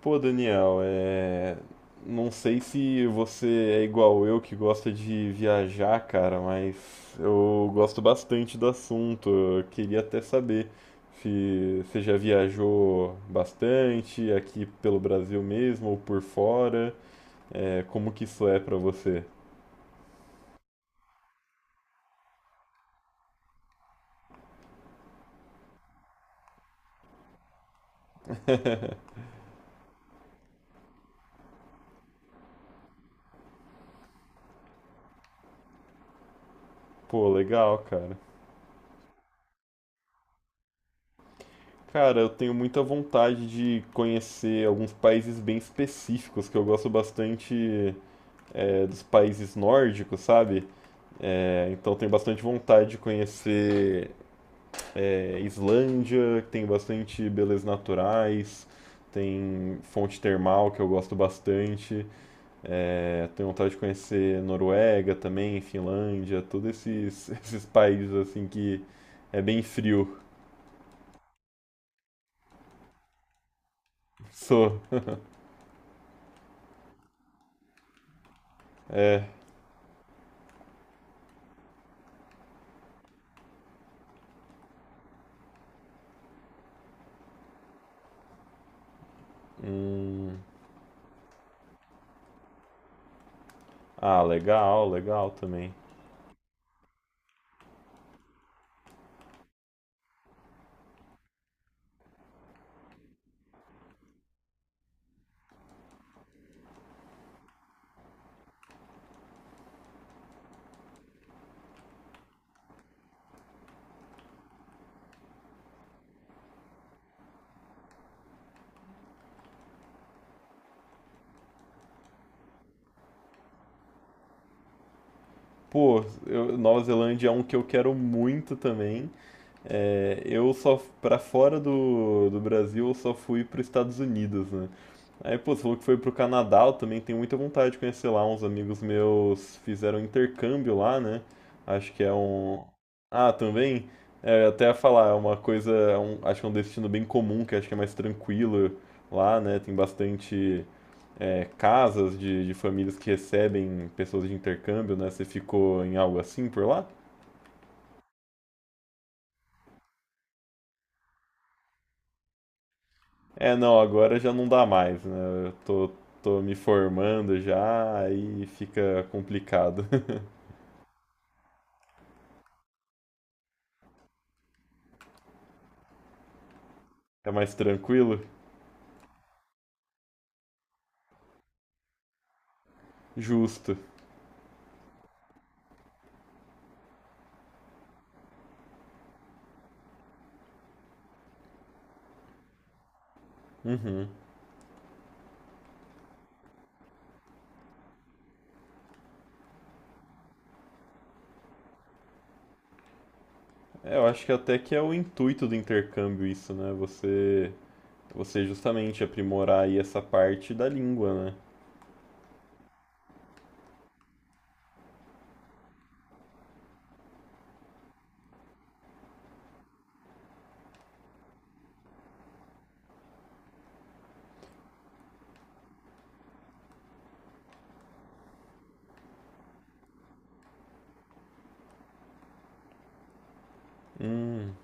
Pô, Daniel, não sei se você é igual eu que gosta de viajar, cara, mas eu gosto bastante do assunto. Eu queria até saber se você já viajou bastante aqui pelo Brasil mesmo ou por fora, como que isso é pra você? Pô, legal, cara. Cara, eu tenho muita vontade de conhecer alguns países bem específicos que eu gosto bastante dos países nórdicos, sabe? É, então tenho bastante vontade de conhecer, Islândia, que tem bastante belezas naturais, tem fonte termal que eu gosto bastante. É, tenho vontade de conhecer Noruega também, Finlândia, todos esses, esses países assim que é bem frio. Sou. É. Hum, ah, legal, legal também. Pô, Nova Zelândia é um que eu quero muito também. É, eu só, pra fora do Brasil, eu só fui para os Estados Unidos, né? Aí, pô, você falou que foi pro Canadá, eu também tenho muita vontade de conhecer lá. Uns amigos meus fizeram um intercâmbio lá, né? Acho que é um. Ah, também? É, eu até ia falar, é uma coisa. Acho que é um destino bem comum, que acho que é mais tranquilo lá, né? Tem bastante, casas de famílias que recebem pessoas de intercâmbio, né? Você ficou em algo assim por lá? É, não, agora já não dá mais, né? Tô me formando já, aí fica complicado. É mais tranquilo? Justo. Uhum. É, eu acho que até que é o intuito do intercâmbio isso, né? Você justamente aprimorar aí essa parte da língua, né? Hum,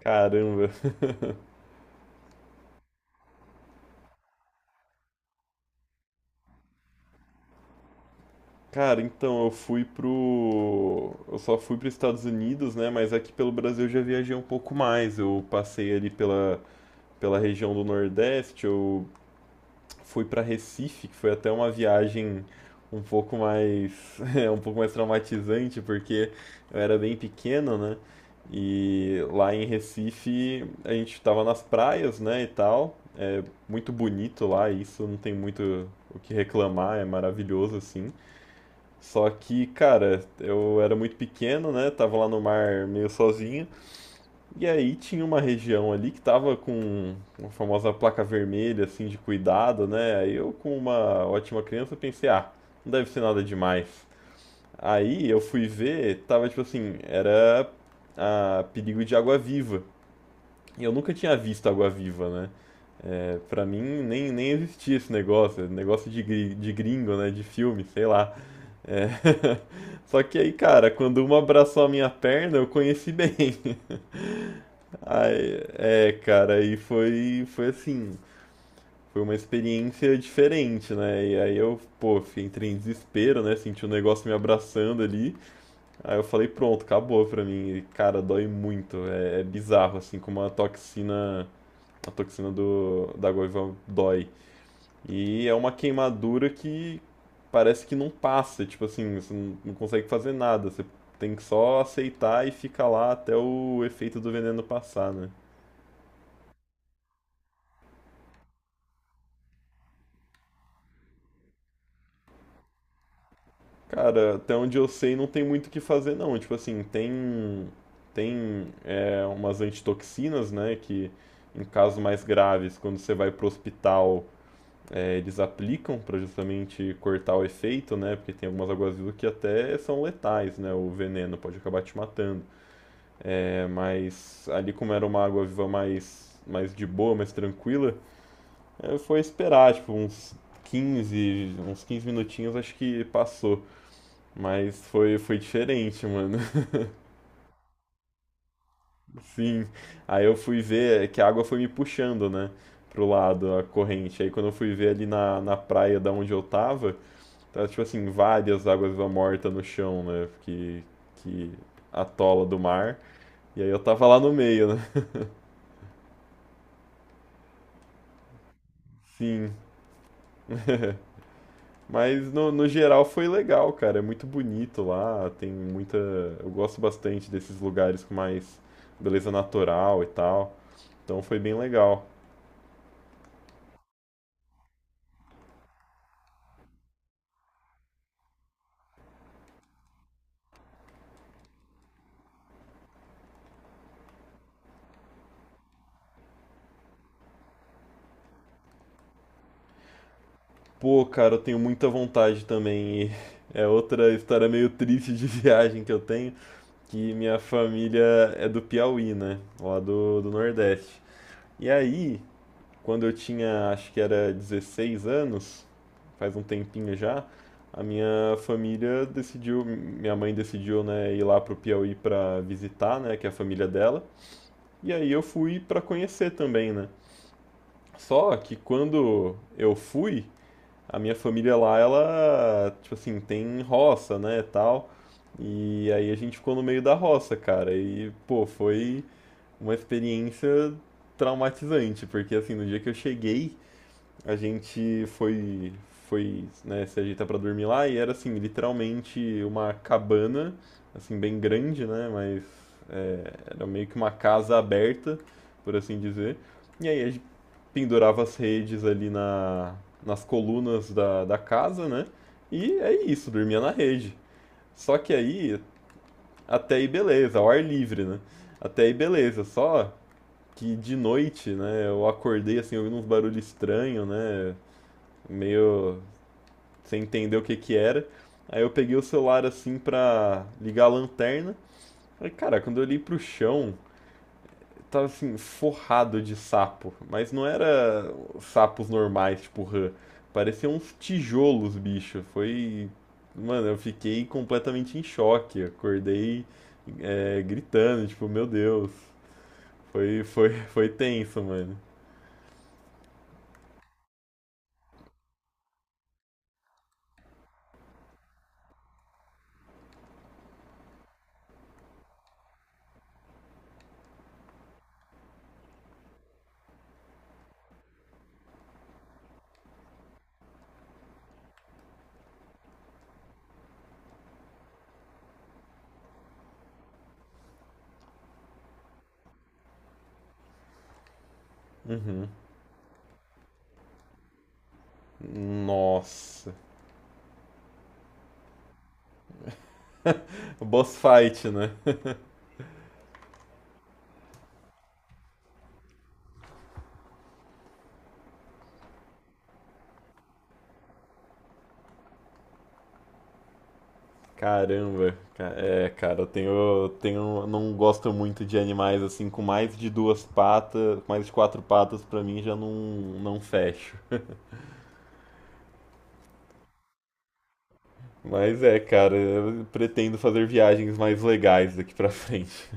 caramba. Cara, então eu só fui para os Estados Unidos, né? Mas aqui pelo Brasil eu já viajei um pouco mais. Eu passei ali pela região do Nordeste, eu fui para Recife, que foi até uma viagem um pouco mais um pouco mais traumatizante, porque eu era bem pequeno, né? E lá em Recife a gente estava nas praias, né, e tal. Muito bonito lá, isso não tem muito o que reclamar, é maravilhoso assim. Só que, cara, eu era muito pequeno, né? Tava lá no mar meio sozinho. E aí tinha uma região ali que tava com uma famosa placa vermelha, assim, de cuidado, né? Aí eu, com uma ótima criança, pensei, ah, não deve ser nada demais. Aí eu fui ver, tava tipo assim, era a perigo de água-viva. E eu nunca tinha visto água-viva, né? É, pra mim nem existia esse negócio, é negócio de, de gringo, né? De filme, sei lá. É. Só que aí, cara, quando uma abraçou a minha perna, eu conheci bem. Ai, é, cara, foi assim, foi uma experiência diferente, né? E aí eu, pô, entrei em desespero, né? Senti um negócio me abraçando ali. Aí eu falei, pronto, acabou pra mim. E, cara, dói muito. É, é bizarro, assim, como a toxina da goiva dói. E é uma queimadura que parece que não passa, tipo assim, você não consegue fazer nada. Você tem que só aceitar e ficar lá até o efeito do veneno passar, né? Cara, até onde eu sei, não tem muito o que fazer, não. Tipo assim, tem, umas antitoxinas, né, que em casos mais graves, quando você vai pro hospital, eles aplicam para justamente cortar o efeito, né, porque tem algumas aguazilas que até são letais, né, o veneno pode acabar te matando. É, mas ali, como era uma água-viva mais de boa, mais tranquila, é, foi esperar, tipo, uns 15 minutinhos, acho que passou. Mas foi diferente, mano. Sim. Aí eu fui ver que a água foi me puxando, né? Pro lado, a corrente. Aí quando eu fui ver ali na praia da onde eu tava, tava tipo assim, várias águas viva morta no chão, né? Que atola do mar. E aí eu tava lá no meio, né? Sim. Mas no geral foi legal, cara. É muito bonito lá. Tem muita. Eu gosto bastante desses lugares com mais beleza natural e tal. Então foi bem legal. Pô, cara, eu tenho muita vontade também. E é outra história meio triste de viagem que eu tenho, que minha família é do Piauí, né? Lá do Nordeste. E aí, quando eu tinha, acho que era 16 anos, faz um tempinho já, a minha família decidiu, minha mãe decidiu, né, ir lá pro Piauí pra visitar, né, que é a família dela. E aí eu fui pra conhecer também, né? Só que quando eu fui, a minha família lá, ela, tipo assim, tem roça, né, tal. E aí a gente ficou no meio da roça, cara. E, pô, foi uma experiência traumatizante, porque assim, no dia que eu cheguei, a gente foi, né, se ajeitar pra dormir lá e era assim, literalmente uma cabana, assim, bem grande, né, mas é, era meio que uma casa aberta, por assim dizer. E aí a pendurava as redes ali nas colunas da casa, né? E é isso, dormia na rede. Só que aí, até aí beleza, ao ar livre, né? Até aí beleza, só que de noite, né, eu acordei assim, ouvindo uns barulhos estranhos, né? Meio sem entender o que que era. Aí eu peguei o celular assim pra ligar a lanterna. Aí, cara, quando eu olhei pro chão, tava assim, forrado de sapo. Mas não era sapos normais, tipo rã. Pareciam uns tijolos, bicho. Foi. Mano, eu fiquei completamente em choque. Acordei, gritando, tipo, meu Deus. Foi tenso, mano. Nossa. Boss fight, né? Caramba. É, cara, eu tenho, não gosto muito de animais assim com mais de duas patas, mais de quatro patas pra mim já não fecho. Mas é, cara, eu pretendo fazer viagens mais legais daqui pra frente.